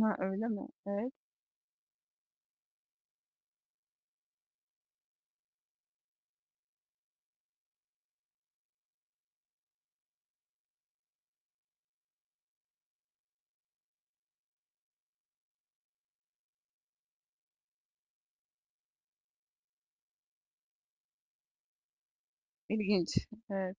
Ha, öyle mi? Evet. İlginç. Evet,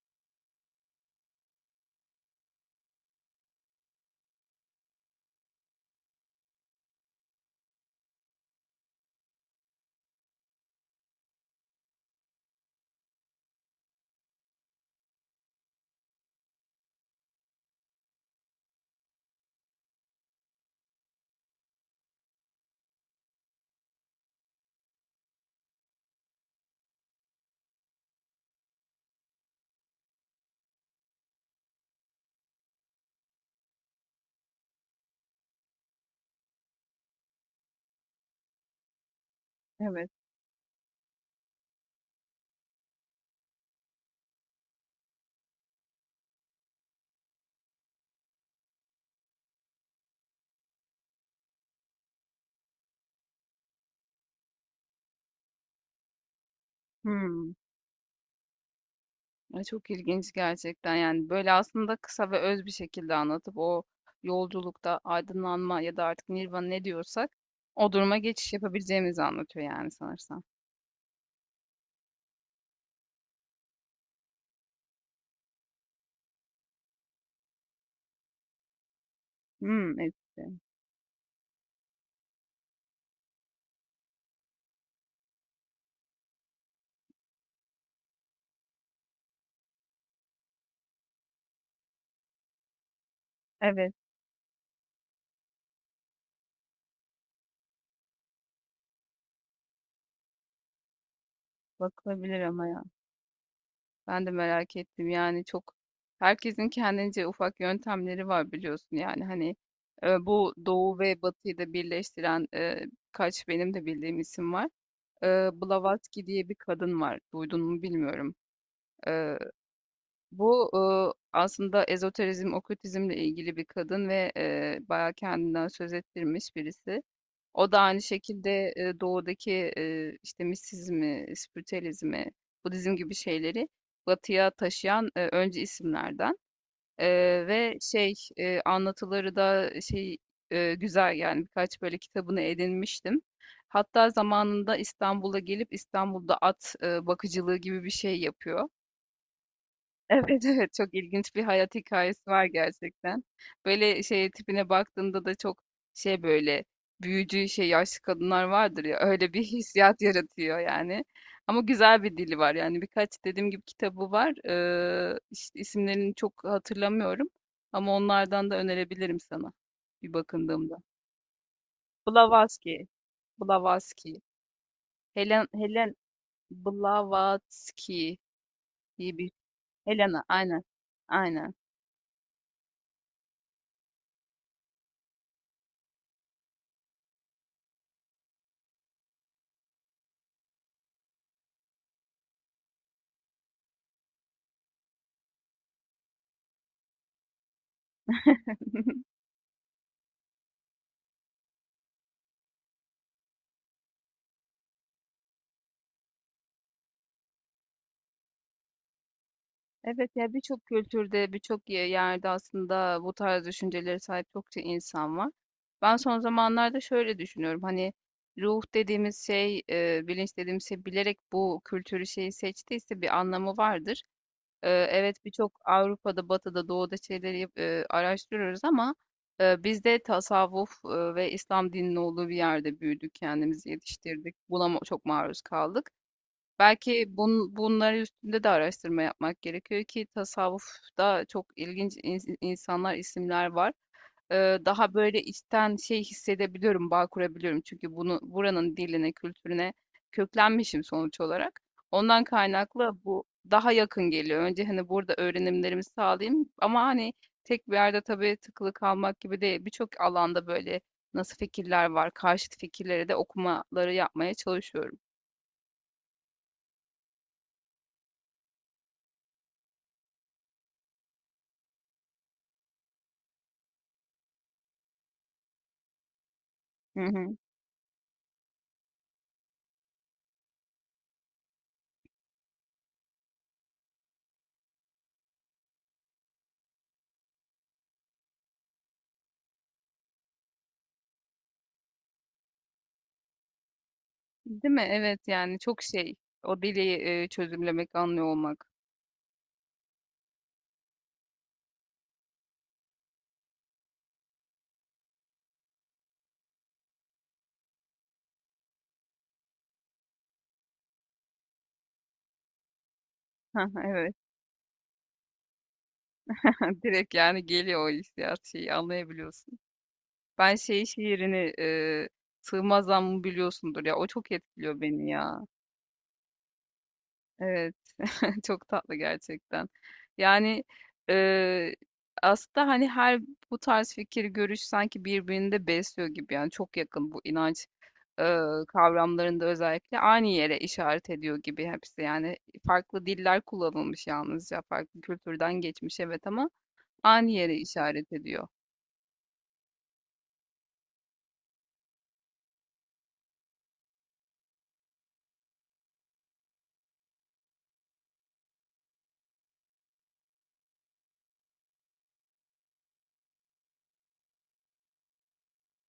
evet. Hımm. Ay, çok ilginç gerçekten, yani, böyle, aslında kısa ve öz bir şekilde anlatıp o yolculukta aydınlanma ya da artık nirvana ne diyorsak o duruma geçiş yapabileceğimizi anlatıyor, yani, sanırsam. Hımm, ettim. Evet, bakılabilir ama ya. Ben de merak ettim, yani, çok herkesin kendince ufak yöntemleri var biliyorsun, yani, hani, bu Doğu ve Batı'yı da birleştiren, birkaç benim de bildiğim isim var. Blavatsky diye bir kadın var. Duydun mu bilmiyorum. Eee, bu, aslında ezoterizm, okültizmle ilgili bir kadın ve, bayağı kendinden söz ettirmiş birisi. O da aynı şekilde, doğudaki, işte, mistisizmi, spiritüelizmi, budizm gibi şeyleri batıya taşıyan, öncü isimlerden. Ve şey, anlatıları da şey, güzel yani birkaç böyle kitabını edinmiştim. Hatta zamanında İstanbul'a gelip İstanbul'da at bakıcılığı gibi bir şey yapıyor. Evet, evet. Çok ilginç bir hayat hikayesi var gerçekten. Böyle, şey, tipine baktığında da çok şey, böyle, büyücü, şey, yaşlı kadınlar vardır ya, öyle bir hissiyat yaratıyor yani. Ama güzel bir dili var yani. Birkaç dediğim gibi kitabı var. İsimlerini çok hatırlamıyorum ama onlardan da önerebilirim sana bir bakındığımda. Blavatsky, Blavatsky. Helen Blavatsky diye bir Helena, aynen. Aynen. Evet ya birçok kültürde, birçok yerde aslında bu tarz düşüncelere sahip çokça insan var. Ben son zamanlarda şöyle düşünüyorum. Hani ruh dediğimiz şey, bilinç dediğimiz şey bilerek bu kültürü şeyi seçtiyse bir anlamı vardır. Evet birçok Avrupa'da, Batı'da, Doğu'da şeyleri araştırıyoruz ama biz de tasavvuf ve İslam dininin olduğu bir yerde büyüdük, kendimizi yetiştirdik. Buna çok maruz kaldık. Belki bunları üstünde de araştırma yapmak gerekiyor ki tasavvufta çok ilginç insanlar, isimler var. Daha böyle içten şey hissedebiliyorum, bağ kurabiliyorum. Çünkü bunu buranın diline, kültürüne köklenmişim sonuç olarak. Ondan kaynaklı bu daha yakın geliyor. Önce hani burada öğrenimlerimi sağlayayım ama hani tek bir yerde tabii tıkılı kalmak gibi değil. Birçok alanda böyle nasıl fikirler var, karşıt fikirleri de okumaları yapmaya çalışıyorum. Hı hı. Değil mi? Evet yani çok şey. O deliği çözümlemek, anlıyor olmak. Hı, evet. Direkt yani geliyor o hissiyat şeyi anlayabiliyorsun. Ben şey şiirini Sığmaz Zammı biliyorsundur ya. O çok etkiliyor beni ya. Evet. Çok tatlı gerçekten. Yani e, aslında hani her bu tarz fikir, görüş sanki birbirini de besliyor gibi. Yani çok yakın bu inanç kavramlarında özellikle aynı yere işaret ediyor gibi hepsi. Yani farklı diller kullanılmış yalnızca farklı kültürden geçmiş evet ama aynı yere işaret ediyor.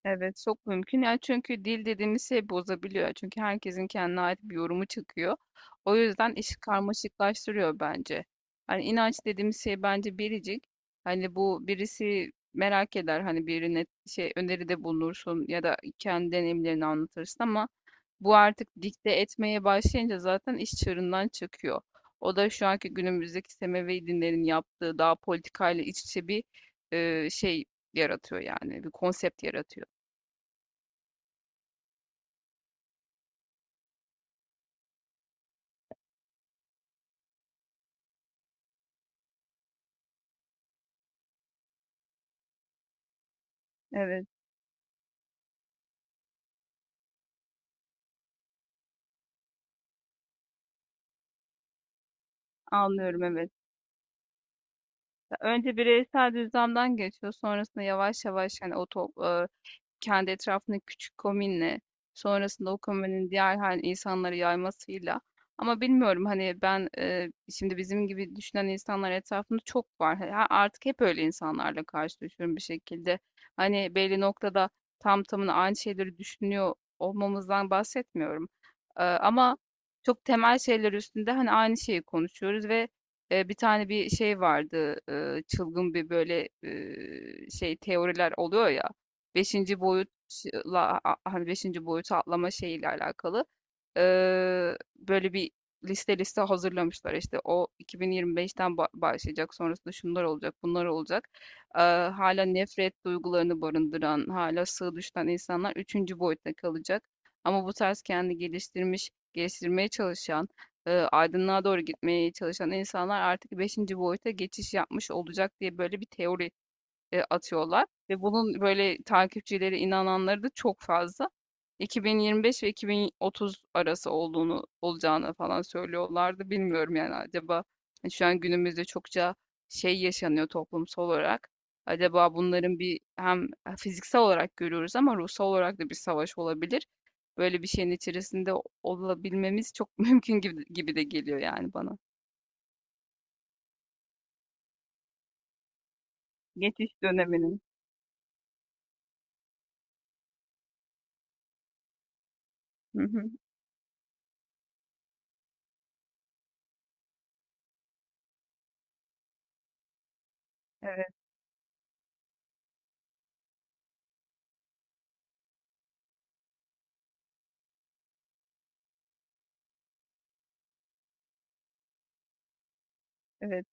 Evet, çok mümkün. Yani çünkü dil dediğimiz şey bozabiliyor. Çünkü herkesin kendine ait bir yorumu çıkıyor. O yüzden işi karmaşıklaştırıyor bence. Hani inanç dediğimiz şey bence biricik. Hani bu birisi merak eder. Hani birine şey öneride bulunursun ya da kendi deneyimlerini anlatırsın ama bu artık dikte etmeye başlayınca zaten iş çığırından çıkıyor. O da şu anki günümüzdeki Semevi dinlerin yaptığı daha politikayla iç içe bir şey yaratıyor yani bir konsept yaratıyor. Evet, anlıyorum evet. Önce bireysel düzlemden geçiyor. Sonrasında yavaş yavaş hani o kendi etrafındaki küçük komünle, sonrasında o komünün diğer hani insanları yaymasıyla. Ama bilmiyorum hani ben şimdi bizim gibi düşünen insanlar etrafında çok var. Artık hep öyle insanlarla karşılaşıyorum bir şekilde. Hani belli noktada tam tamına aynı şeyleri düşünüyor olmamızdan bahsetmiyorum. Ama çok temel şeyler üstünde hani aynı şeyi konuşuyoruz ve bir tane bir şey vardı çılgın bir böyle şey teoriler oluyor ya. Beşinci boyutla hani beşinci boyutu atlama şeyiyle alakalı böyle bir liste liste hazırlamışlar. İşte o 2025'ten başlayacak, sonrasında şunlar olacak, bunlar olacak. Eee, hala nefret duygularını barındıran, hala sığ düşten insanlar üçüncü boyutta kalacak. Ama bu tarz kendi geliştirmiş, geliştirmeye çalışan, aydınlığa doğru gitmeye çalışan insanlar artık beşinci boyuta geçiş yapmış olacak diye böyle bir teori atıyorlar ve bunun böyle takipçileri, inananları da çok fazla. 2025 ve 2030 arası olduğunu olacağını falan söylüyorlardı. Bilmiyorum yani acaba hani şu an günümüzde çokça şey yaşanıyor toplumsal olarak. Acaba bunların bir hem fiziksel olarak görüyoruz ama ruhsal olarak da bir savaş olabilir. Böyle bir şeyin içerisinde olabilmemiz çok mümkün gibi de geliyor yani bana. Geçiş döneminin. Hı hı, evet, evet.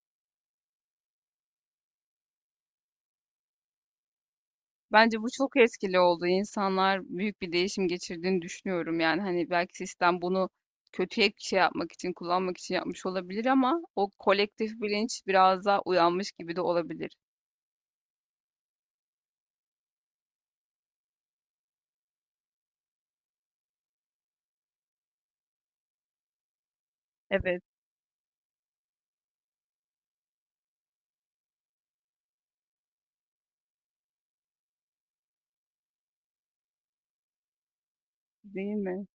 Bence bu çok etkili oldu. İnsanlar büyük bir değişim geçirdiğini düşünüyorum. Yani hani belki sistem bunu kötüye bir şey yapmak için, kullanmak için yapmış olabilir ama o kolektif bilinç biraz daha uyanmış gibi de olabilir. Evet. Değil mi?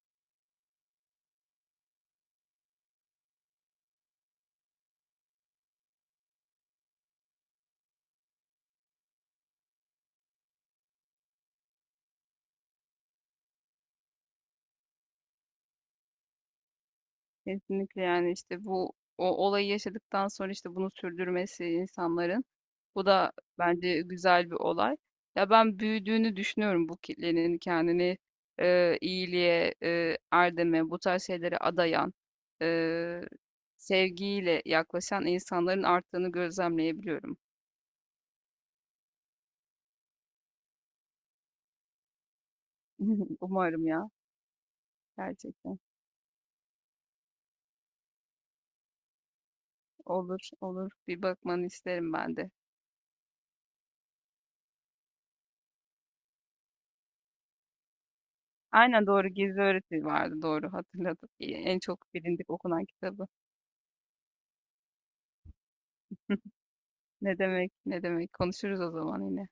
Kesinlikle, yani, işte, bu o olayı yaşadıktan sonra, işte, bunu sürdürmesi insanların, bu da bence güzel bir olay. Ya, ben büyüdüğünü düşünüyorum bu kitlenin kendini, iyiliğe, erdeme, bu tarz şeylere adayan, eee, sevgiyle yaklaşan insanların arttığını gözlemleyebiliyorum. Umarım ya, gerçekten. Olur, olur. Bir bakmanı isterim ben de. Aynen, doğru. Gizli Öğreti vardı, doğru hatırladım. En çok bilindik okunan kitabı. Ne demek, ne demek. Konuşuruz o zaman yine.